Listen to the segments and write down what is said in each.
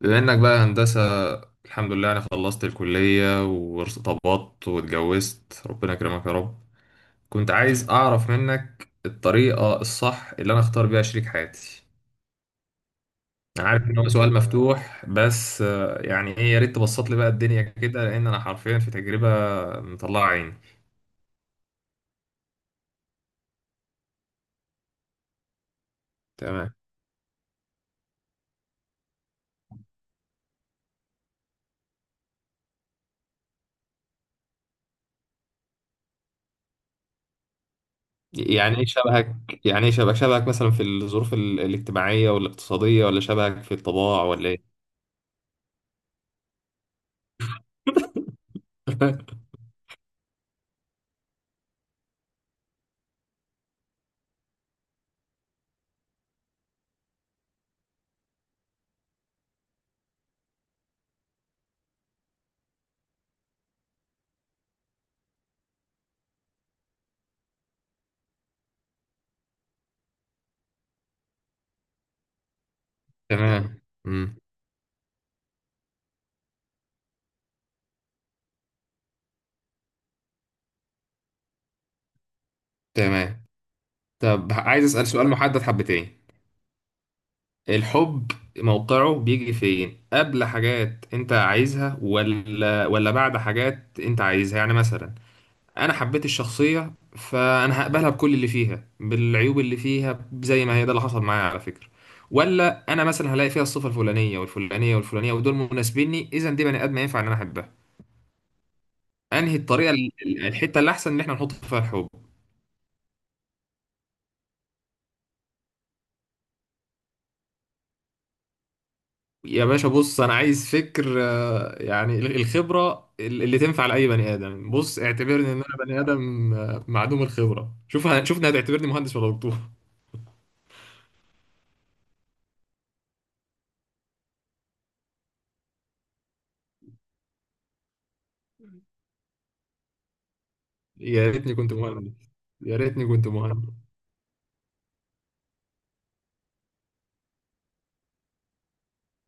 بما انك بقى هندسة. الحمد لله، انا خلصت الكلية وارتبطت واتجوزت، ربنا يكرمك يا رب. كنت عايز اعرف منك الطريقة الصح اللي انا اختار بيها شريك حياتي. انا عارف ان هو سؤال مفتوح، بس يعني ايه؟ يا ريت تبسط لي بقى الدنيا كده، لان انا حرفيا في تجربة مطلعة عيني. تمام. يعني ايه شبهك؟ يعني ايه شبهك؟ شبهك مثلا في الظروف الاجتماعية والاقتصادية، ولا شبهك في الطباع، ولا ايه؟ تمام. امم تمام. طب عايز أسأل سؤال محدد حبتين. الحب موقعه بيجي فين؟ قبل حاجات انت عايزها ولا بعد حاجات انت عايزها؟ يعني مثلا انا حبيت الشخصية، فانا هقبلها بكل اللي فيها، بالعيوب اللي فيها زي ما هي، ده اللي حصل معايا على فكرة. ولا انا مثلا هلاقي فيها الصفة الفلانية والفلانية والفلانية ودول مناسبيني، اذا دي بني ادم ينفع ان انا احبها. انهي الطريقة الحتة اللي احسن ان احنا نحط فيها الحب؟ يا باشا بص، انا عايز فكر. يعني الخبره اللي تنفع لاي بني ادم. بص اعتبرني ان انا بني ادم معدوم الخبره. شوف، شوفني هتعتبرني مهندس ولا دكتور؟ يا ريتني كنت مهندس. يا ريتني كنت مهندس.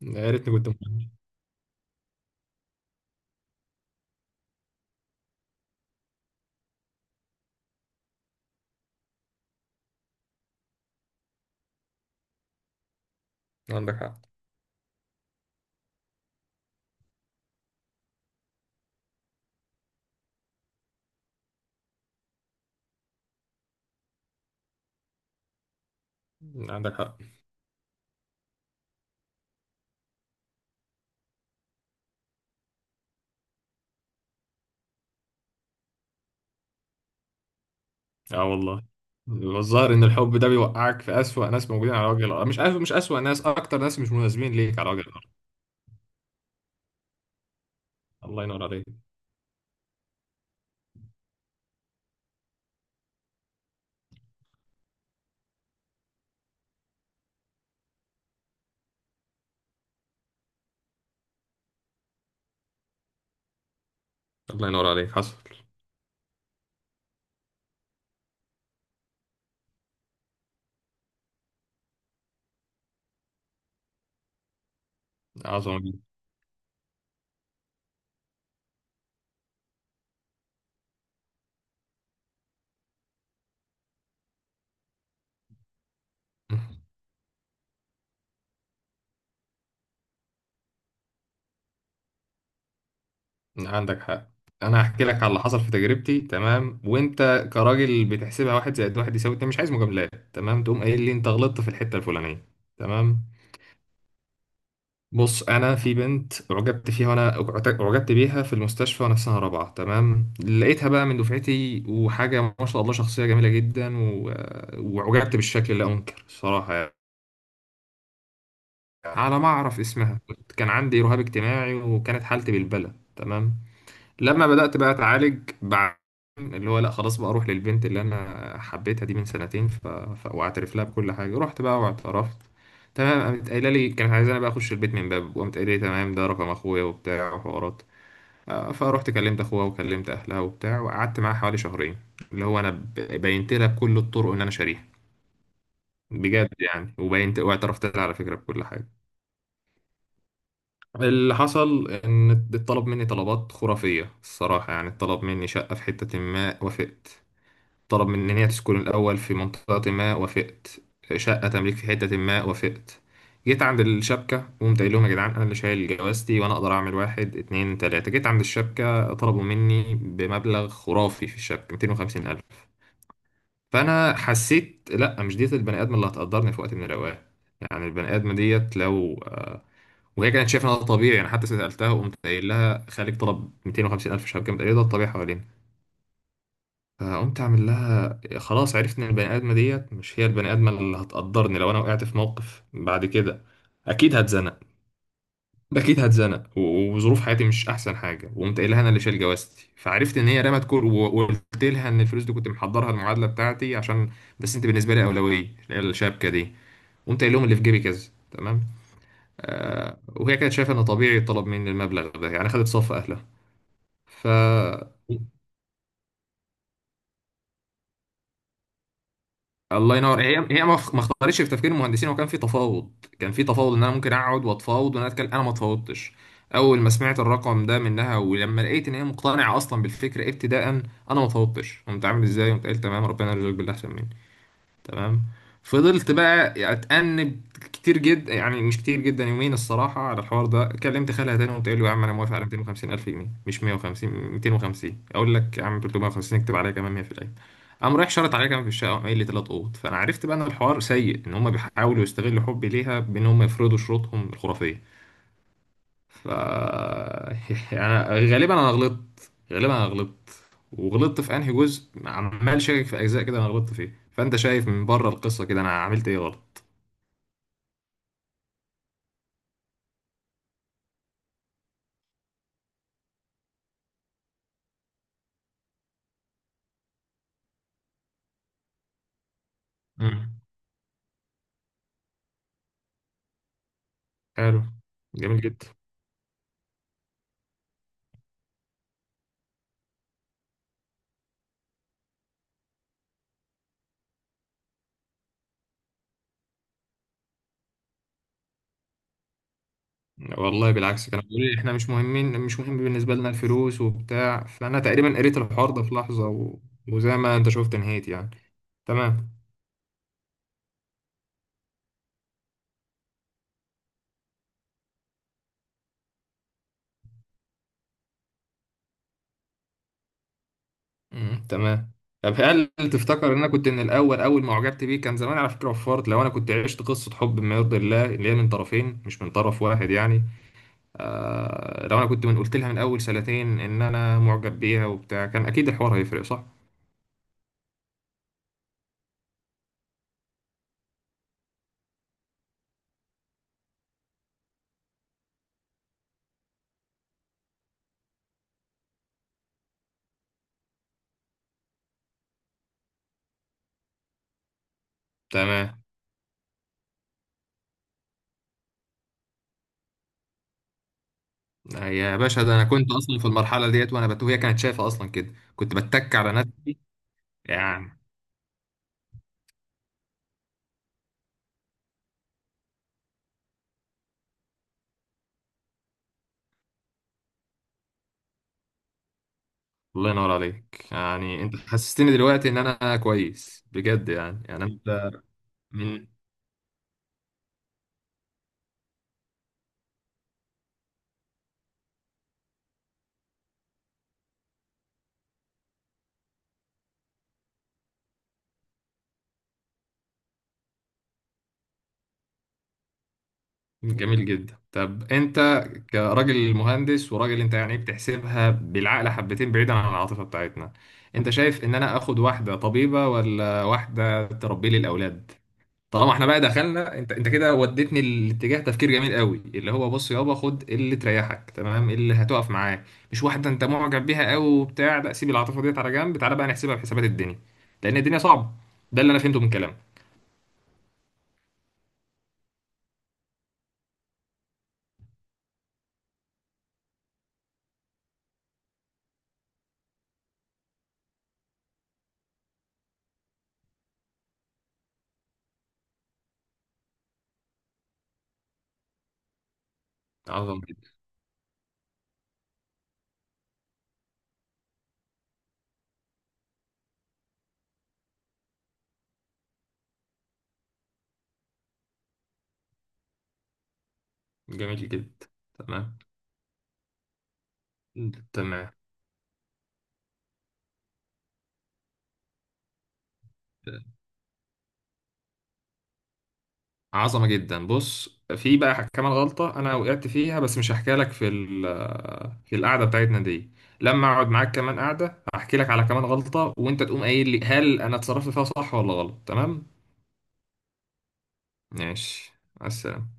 يا ريتني كنت مهندس. عندك حق. عندك حق. اه والله، الظاهر ان الحب ده بيوقعك في اسوأ ناس موجودين على وجه الارض. مش أسوأ، مش اسوأ ناس، اكتر ناس مش مناسبين ليك على وجه الارض. الله ينور عليك. الله ينور عليك، حصل. عظمه جدا. عندك حق. انا هحكي لك على اللي حصل في تجربتي، تمام؟ وانت كراجل بتحسبها واحد زائد واحد يساوي اتنين، مش عايز مجاملات، تمام؟ تقوم قايل لي انت غلطت في الحته الفلانيه. تمام. بص، انا في بنت اعجبت فيها، وانا اعجبت بيها في المستشفى وانا في سنه رابعه، تمام. لقيتها بقى من دفعتي، وحاجه ما شاء الله، شخصيه جميله جدا واعجبت بالشكل، لا انكر صراحه يعني. على ما اعرف اسمها، كان عندي رهاب اجتماعي، وكانت حالتي بالبلة، تمام. لما بدأت بقى أتعالج بعد، اللي هو لا خلاص بقى أروح للبنت اللي أنا حبيتها دي من سنتين، وأعترف لها بكل حاجة. رحت بقى واعترفت، تمام. قامت قايلة لي كانت عايزاني بقى أخش البيت من باب، وقامت قايلة لي تمام، ده رقم أخويا وبتاع وحوارات. فرحت كلمت أخوها وكلمت أهلها وبتاع، وقعدت معاها حوالي شهرين. اللي هو أنا بينت لها بكل الطرق إن أنا شاريها بجد يعني، وبينت واعترفت لها على فكرة بكل حاجة. اللي حصل ان اتطلب مني طلبات خرافية الصراحة، يعني اتطلب مني شقة في حتة، ما وافقت. طلب مننا تسكن الأول في منطقة، ما وافقت. شقة تمليك في حتة، ما وافقت. جيت عند الشبكة وقمت قايل لهم يا جدعان، أنا اللي شايل جوازتي وأنا أقدر أعمل واحد اتنين تلاتة. جيت عند الشبكة طلبوا مني بمبلغ خرافي في الشبكة، 250 ألف. فأنا حسيت لأ، مش ديت البني آدم اللي هتقدرني في وقت من الأوقات. يعني البني آدم ديت لو وهي كانت شايفة إن ده طبيعي. يعني حتى سألتها وقمت قايل لها خالد طلب 250 ألف شبكة، قمت قايل له ده الطبيعي حوالينا. فقمت أعمل لها خلاص، عرفت إن البني آدمة ديت مش هي البني آدمة اللي هتقدرني لو أنا وقعت في موقف بعد كده. أكيد هتزنق. أكيد هتزنق، وظروف حياتي مش أحسن حاجة. وقمت قايل لها أنا اللي شايل جوازتي، فعرفت إن هي رمت كل، وقلت لها إن الفلوس دي كنت محضرها المعادلة بتاعتي عشان، بس أنت بالنسبة لي أولوية، اللي هي الشبكة دي. قمت قايل لهم اللي في جيبي كذا، تمام. وهي كانت شايفة إن طبيعي يطلب مني المبلغ ده، يعني خدت صف أهلها. ف الله ينور. هي ما اختارتش في تفكير المهندسين، وكان في تفاوض. كان في تفاوض ان انا ممكن اقعد واتفاوض وانا اتكلم. انا ما اتفاوضتش اول ما سمعت الرقم ده منها، ولما لقيت ان هي مقتنعه اصلا بالفكره ابتداء، انا ما اتفاوضتش. قمت عامل ازاي؟ قمت قايل تمام، ربنا يرزقك باللي احسن مني. تمام. فضلت بقى اتأنب كتير جدا، يعني مش كتير جدا، يومين الصراحة على الحوار ده. كلمت خالها تاني وقلت له يا عم انا موافق على 250 الف جنيه، مش 150، 250 اقول لك يا عم، 350، اكتب عليها كمان 100%. قام رايح شرط عليها كمان في الشقة، وقام قايل لي ثلاث اوض. فانا عرفت بقى ان الحوار سيء، ان هم بيحاولوا يستغلوا حبي ليها بان هم يفرضوا شروطهم الخرافية. ف يعني غالبا انا غلطت، غالبا انا غلطت. وغلطت في انهي جزء؟ عمال شاكك في اجزاء كده انا غلطت فيه. فانت شايف من بره القصه كده، انا عملت ايه غلط؟ مم. حلو. جميل جدا. والله بالعكس، كانوا بيقولوا لي احنا مش مهمين، مش مهم بالنسبه لنا الفلوس وبتاع. فانا تقريبا قريت الحوار ده في لحظه، وزي ما انت شفت نهيت يعني. تمام. مم، تمام. طب هل تفتكر ان انا كنت من الاول، اول ما اعجبت بيه كان زمان على فكره، وفرت لو انا كنت عشت قصه حب ما يرضي الله، اللي هي من طرفين مش من طرف واحد يعني؟ لو انا كنت من قلت لها من اول سنتين ان انا معجب بيها وبتاع، كان اكيد الحوار هيفرق، صح؟ تمام. يا باشا، ده انا كنت اصلا في المرحله ديت وانا وهي كانت شايفه اصلا كده، كنت بتك على نفسي يعني. الله ينور عليك، يعني انت حسستني دلوقتي ان انا كويس بجد، يعني انت من جميل جدا. طب انت كراجل مهندس وراجل، انت يعني بتحسبها بالعقل حبتين بعيدا عن العاطفة بتاعتنا، انت شايف ان انا اخد واحدة طبيبة ولا واحدة تربي لي الاولاد؟ طالما احنا بقى دخلنا، انت كده وديتني الاتجاه، تفكير جميل قوي اللي هو بص يابا، خد اللي تريحك، تمام، اللي هتقف معاه، مش واحدة انت معجب بيها قوي وبتاع. لا، سيب العاطفة ديت على جنب، تعالى بقى نحسبها بحسابات الدنيا، لان الدنيا صعبة. ده اللي انا فهمته من كلامك. عظم جدا. جميل جدا. تمام. تمام. عظمة جدا. بص، في بقى كمان غلطة أنا وقعت فيها، بس مش هحكي لك في القعدة بتاعتنا دي. لما أقعد معاك كمان قعدة هحكي لك على كمان غلطة، وأنت تقوم قايل لي هل أنا اتصرفت فيها صح ولا غلط، تمام؟ ماشي. مع السلامة.